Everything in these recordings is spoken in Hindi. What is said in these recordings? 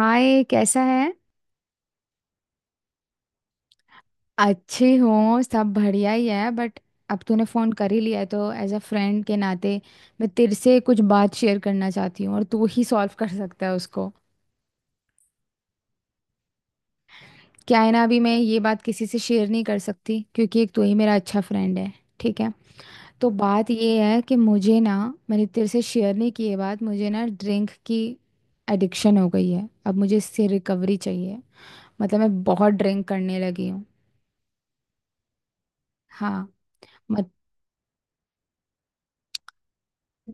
हाय, कैसा है। अच्छी हूँ, सब बढ़िया ही है। बट अब तूने फ़ोन कर ही लिया है तो एज अ फ्रेंड के नाते मैं तेरे से कुछ बात शेयर करना चाहती हूँ, और तू ही सॉल्व कर सकता है उसको। क्या है ना, अभी मैं ये बात किसी से शेयर नहीं कर सकती क्योंकि एक तू ही मेरा अच्छा फ्रेंड है। ठीक है। तो बात ये है कि मुझे ना, मैंने तेरे से शेयर नहीं की ये बात, मुझे ना ड्रिंक की एडिक्शन हो गई है। अब मुझे इससे रिकवरी चाहिए। मतलब मैं बहुत ड्रिंक करने लगी हूँ। हाँ।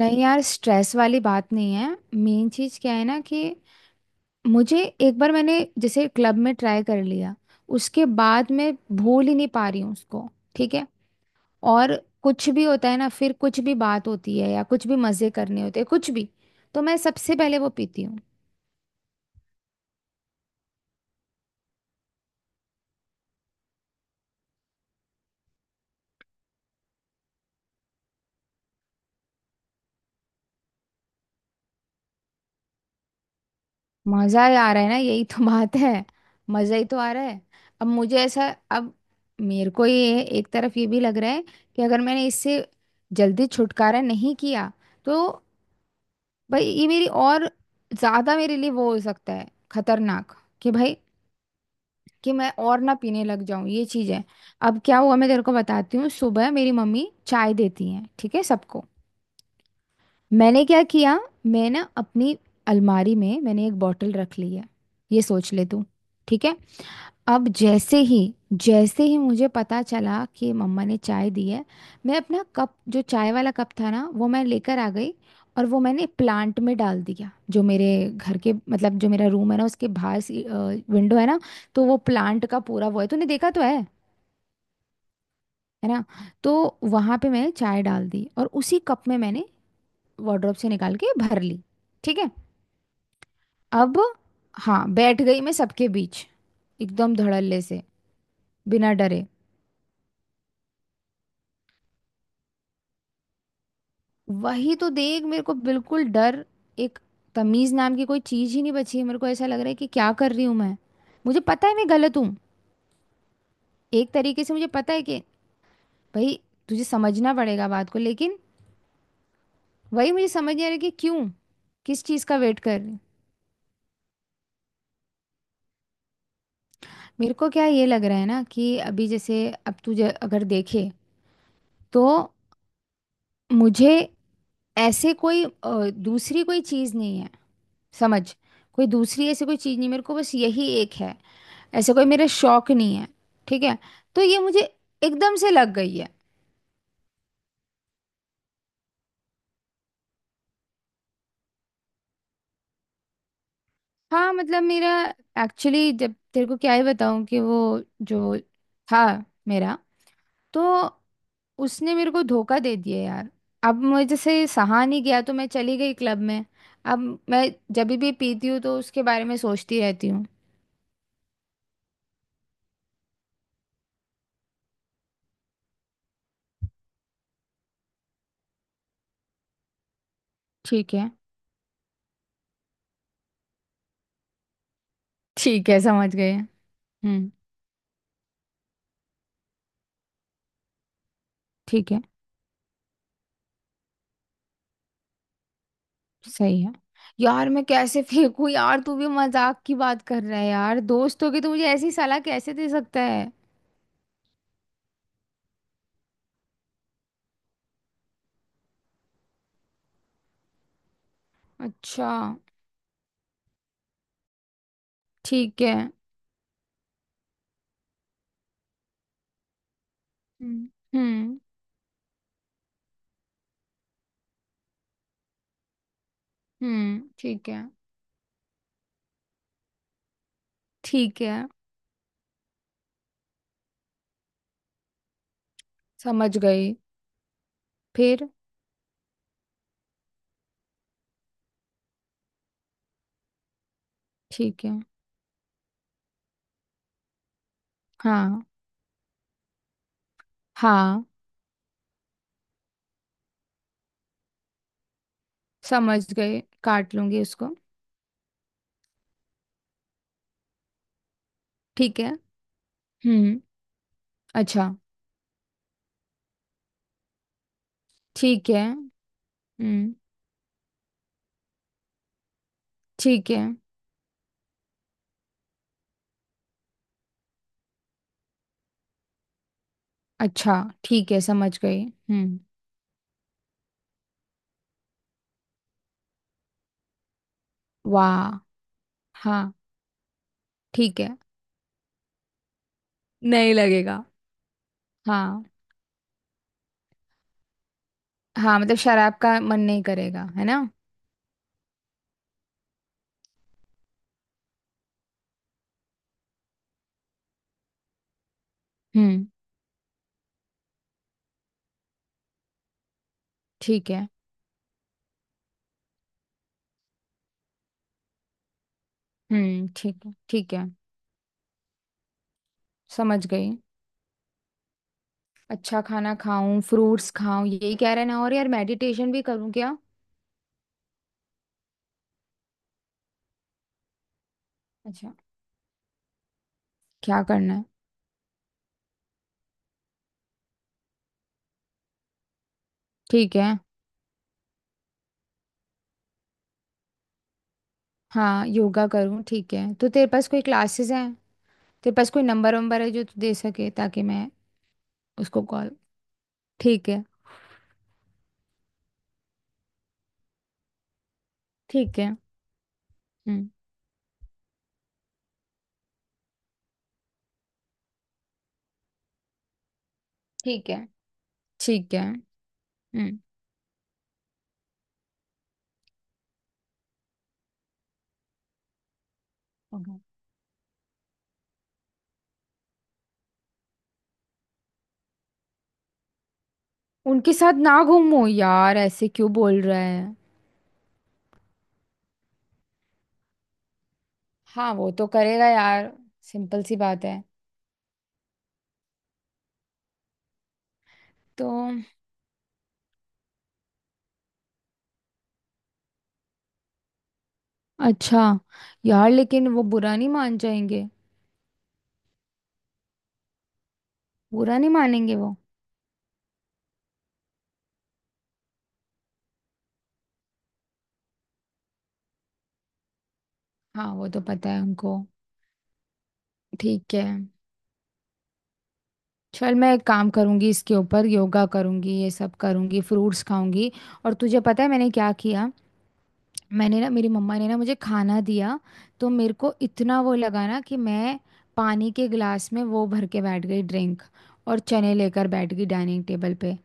नहीं यार, स्ट्रेस वाली बात नहीं है। मेन चीज क्या है ना कि मुझे एक बार मैंने जैसे क्लब में ट्राई कर लिया, उसके बाद मैं भूल ही नहीं पा रही हूँ उसको। ठीक है। और कुछ भी होता है ना, फिर कुछ भी बात होती है या कुछ भी मजे करने होते हैं कुछ भी, तो मैं सबसे पहले वो पीती हूँ। मजा ही आ रहा है ना, यही तो बात है। मजा ही तो आ रहा है। अब मुझे ऐसा, अब मेरे को ये एक तरफ ये भी लग रहा है कि अगर मैंने इससे जल्दी छुटकारा नहीं किया तो भाई ये मेरी और ज्यादा मेरे लिए वो हो सकता है, खतरनाक। कि भाई कि मैं और ना पीने लग जाऊं, ये चीज है। अब क्या हुआ मैं तेरे को बताती हूँ। सुबह मेरी मम्मी चाय देती है, ठीक है, सबको। मैंने क्या किया, मैं ना अपनी अलमारी में मैंने एक बॉटल रख ली है। ये सोच ले तू। ठीक है। अब जैसे ही, जैसे ही मुझे पता चला कि मम्मा ने चाय दी है, मैं अपना कप, जो चाय वाला कप था ना, वो मैं लेकर आ गई। और वो मैंने प्लांट में डाल दिया, जो मेरे घर के, मतलब जो मेरा रूम है ना, उसके बाहर सी विंडो है ना, तो वो प्लांट का पूरा वो है, तूने देखा तो है ना। तो वहाँ पे मैंने चाय डाल दी और उसी कप में मैंने वार्डरोब से निकाल के भर ली। ठीक है। अब हाँ, बैठ गई मैं सबके बीच एकदम धड़ल्ले से, बिना डरे। वही तो देख, मेरे को बिल्कुल डर, एक तमीज नाम की कोई चीज ही नहीं बची है। मेरे को ऐसा लग रहा है कि क्या कर रही हूं मैं। मुझे पता है मैं गलत हूँ। एक तरीके से मुझे पता है कि भाई तुझे समझना पड़ेगा बात को, लेकिन वही मुझे समझ नहीं आ रहा कि क्यों। किस चीज का वेट कर रही हूँ। मेरे को क्या ये लग रहा है ना कि अभी जैसे अब तुझे अगर देखे तो मुझे ऐसे कोई दूसरी कोई चीज नहीं है, समझ। कोई दूसरी ऐसी कोई चीज नहीं, मेरे को बस यही एक है। ऐसे कोई मेरे शौक नहीं है। ठीक है। तो ये मुझे एकदम से लग गई है। हाँ मतलब मेरा, एक्चुअली जब तेरे को क्या ही बताऊं कि वो जो था मेरा, तो उसने मेरे को धोखा दे दिया यार। अब मुझे से सहा नहीं गया तो मैं चली गई क्लब में। अब मैं जब भी पीती हूँ तो उसके बारे में सोचती रहती हूँ। ठीक है। ठीक है, समझ गए। हम्म। ठीक है। सही है। यार मैं कैसे फेंकू यार, तू भी मजाक की बात कर रहा है। यार दोस्त होगी तो मुझे ऐसी सलाह कैसे दे सकता है। अच्छा, ठीक है। हम्म। हम्म। ठीक है। ठीक है, समझ गई। फिर। ठीक है। हाँ। हाँ, समझ गई, काट लूंगी उसको। ठीक है। हम्म। अच्छा। ठीक है। हम्म। ठीक है। अच्छा, ठीक है, समझ गई। हम्म। वाह। हाँ। ठीक है। नहीं लगेगा। हाँ। हाँ, मतलब शराब का मन नहीं करेगा है ना। हम्म, ठीक है। हम्म, ठीक है। ठीक है, समझ गई। अच्छा खाना खाऊं, फ्रूट्स खाऊं, यही कह रहे ना। और यार मेडिटेशन भी करूं क्या। अच्छा। क्या करना है। ठीक है। हाँ, योगा करूं, ठीक है। तो तेरे पास कोई क्लासेस हैं, तेरे पास कोई नंबर वंबर है जो तू दे सके ताकि मैं उसको कॉल। ठीक है। ठीक है। हम्म। ठीक है। ठीक है। हम्म। Okay. उनके साथ ना घूमो, यार ऐसे क्यों बोल रहा है। हाँ, वो तो करेगा यार। सिंपल सी बात है। तो। अच्छा। यार लेकिन वो बुरा नहीं मान जाएंगे। बुरा नहीं मानेंगे वो। हाँ, वो तो पता है उनको। ठीक है। चल मैं एक काम करूंगी इसके ऊपर, योगा करूंगी, ये सब करूंगी, फ्रूट्स खाऊंगी। और तुझे पता है मैंने क्या किया। मैंने ना, मेरी मम्मा ने ना मुझे खाना दिया, तो मेरे को इतना वो लगा ना कि मैं पानी के गिलास में वो भर के बैठ गई, ड्रिंक। और चने लेकर बैठ गई डाइनिंग टेबल पे।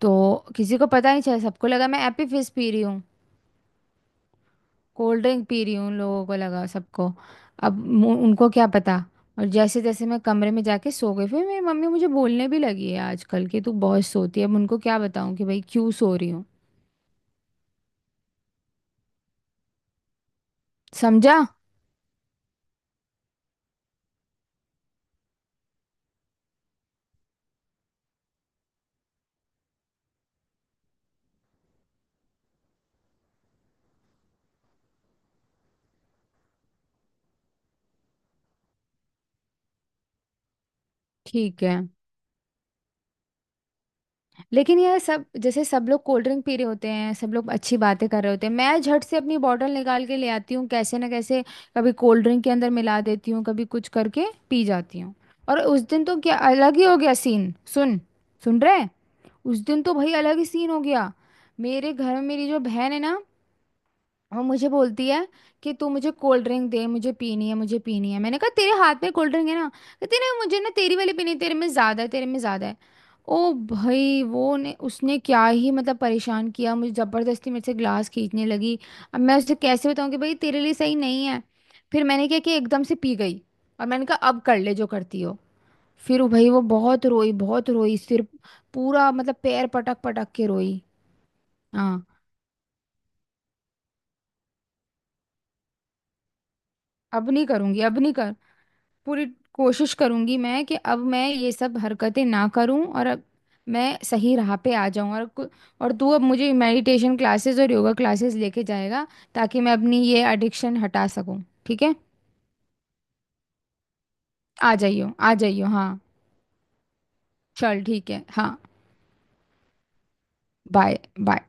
तो किसी को पता नहीं चला, सबको लगा मैं एप्पी फिज पी रही हूँ। कोल्ड ड्रिंक पी रही हूँ उन लोगों को लगा, सबको। अब उनको क्या पता। और जैसे जैसे मैं कमरे में जाके सो गई, फिर मेरी मम्मी मुझे बोलने भी लगी है आजकल कि तू बहुत सोती है। अब उनको क्या बताऊं कि भाई क्यों सो रही हूँ। समझा। ठीक है। लेकिन यार, सब जैसे सब लोग कोल्ड ड्रिंक पी रहे होते हैं, सब लोग अच्छी बातें कर रहे होते हैं, मैं झट से अपनी बॉटल निकाल के ले आती हूँ कैसे ना कैसे। कभी कोल्ड ड्रिंक के अंदर मिला देती हूँ, कभी कुछ करके पी जाती हूँ। और उस दिन तो क्या अलग ही हो गया सीन, सुन। सुन रहे। उस दिन तो भाई अलग ही सीन हो गया। मेरे घर में मेरी जो बहन है ना, और मुझे बोलती है कि तू मुझे कोल्ड ड्रिंक दे, मुझे पीनी है, मुझे पीनी है। मैंने कहा तेरे हाथ में कोल्ड ड्रिंक है ना। कहती ना, मुझे ना तेरी वाली पीनी है, तेरे में ज्यादा है, तेरे में ज्यादा है। ओ भाई, वो ने उसने क्या ही मतलब परेशान किया मुझे, जबरदस्ती मेरे से ग्लास खींचने लगी। अब मैं उसे कैसे बताऊं कि भाई तेरे लिए सही नहीं है। फिर मैंने क्या कि एकदम से पी गई। और मैंने कहा अब कर ले जो करती हो। फिर वो भाई वो बहुत रोई, बहुत रोई, सिर पूरा, मतलब पैर पटक पटक के रोई। हाँ, अब नहीं करूंगी, अब नहीं कर, पूरी कोशिश करूंगी मैं कि अब मैं ये सब हरकतें ना करूं, और अब मैं सही राह पे आ जाऊं। और और तू अब मुझे मेडिटेशन क्लासेस और योगा क्लासेस लेके जाएगा ताकि मैं अपनी ये एडिक्शन हटा सकूं। ठीक है। आ जाइयो, आ जाइयो, हाँ। चल ठीक है, हाँ। Bye bye.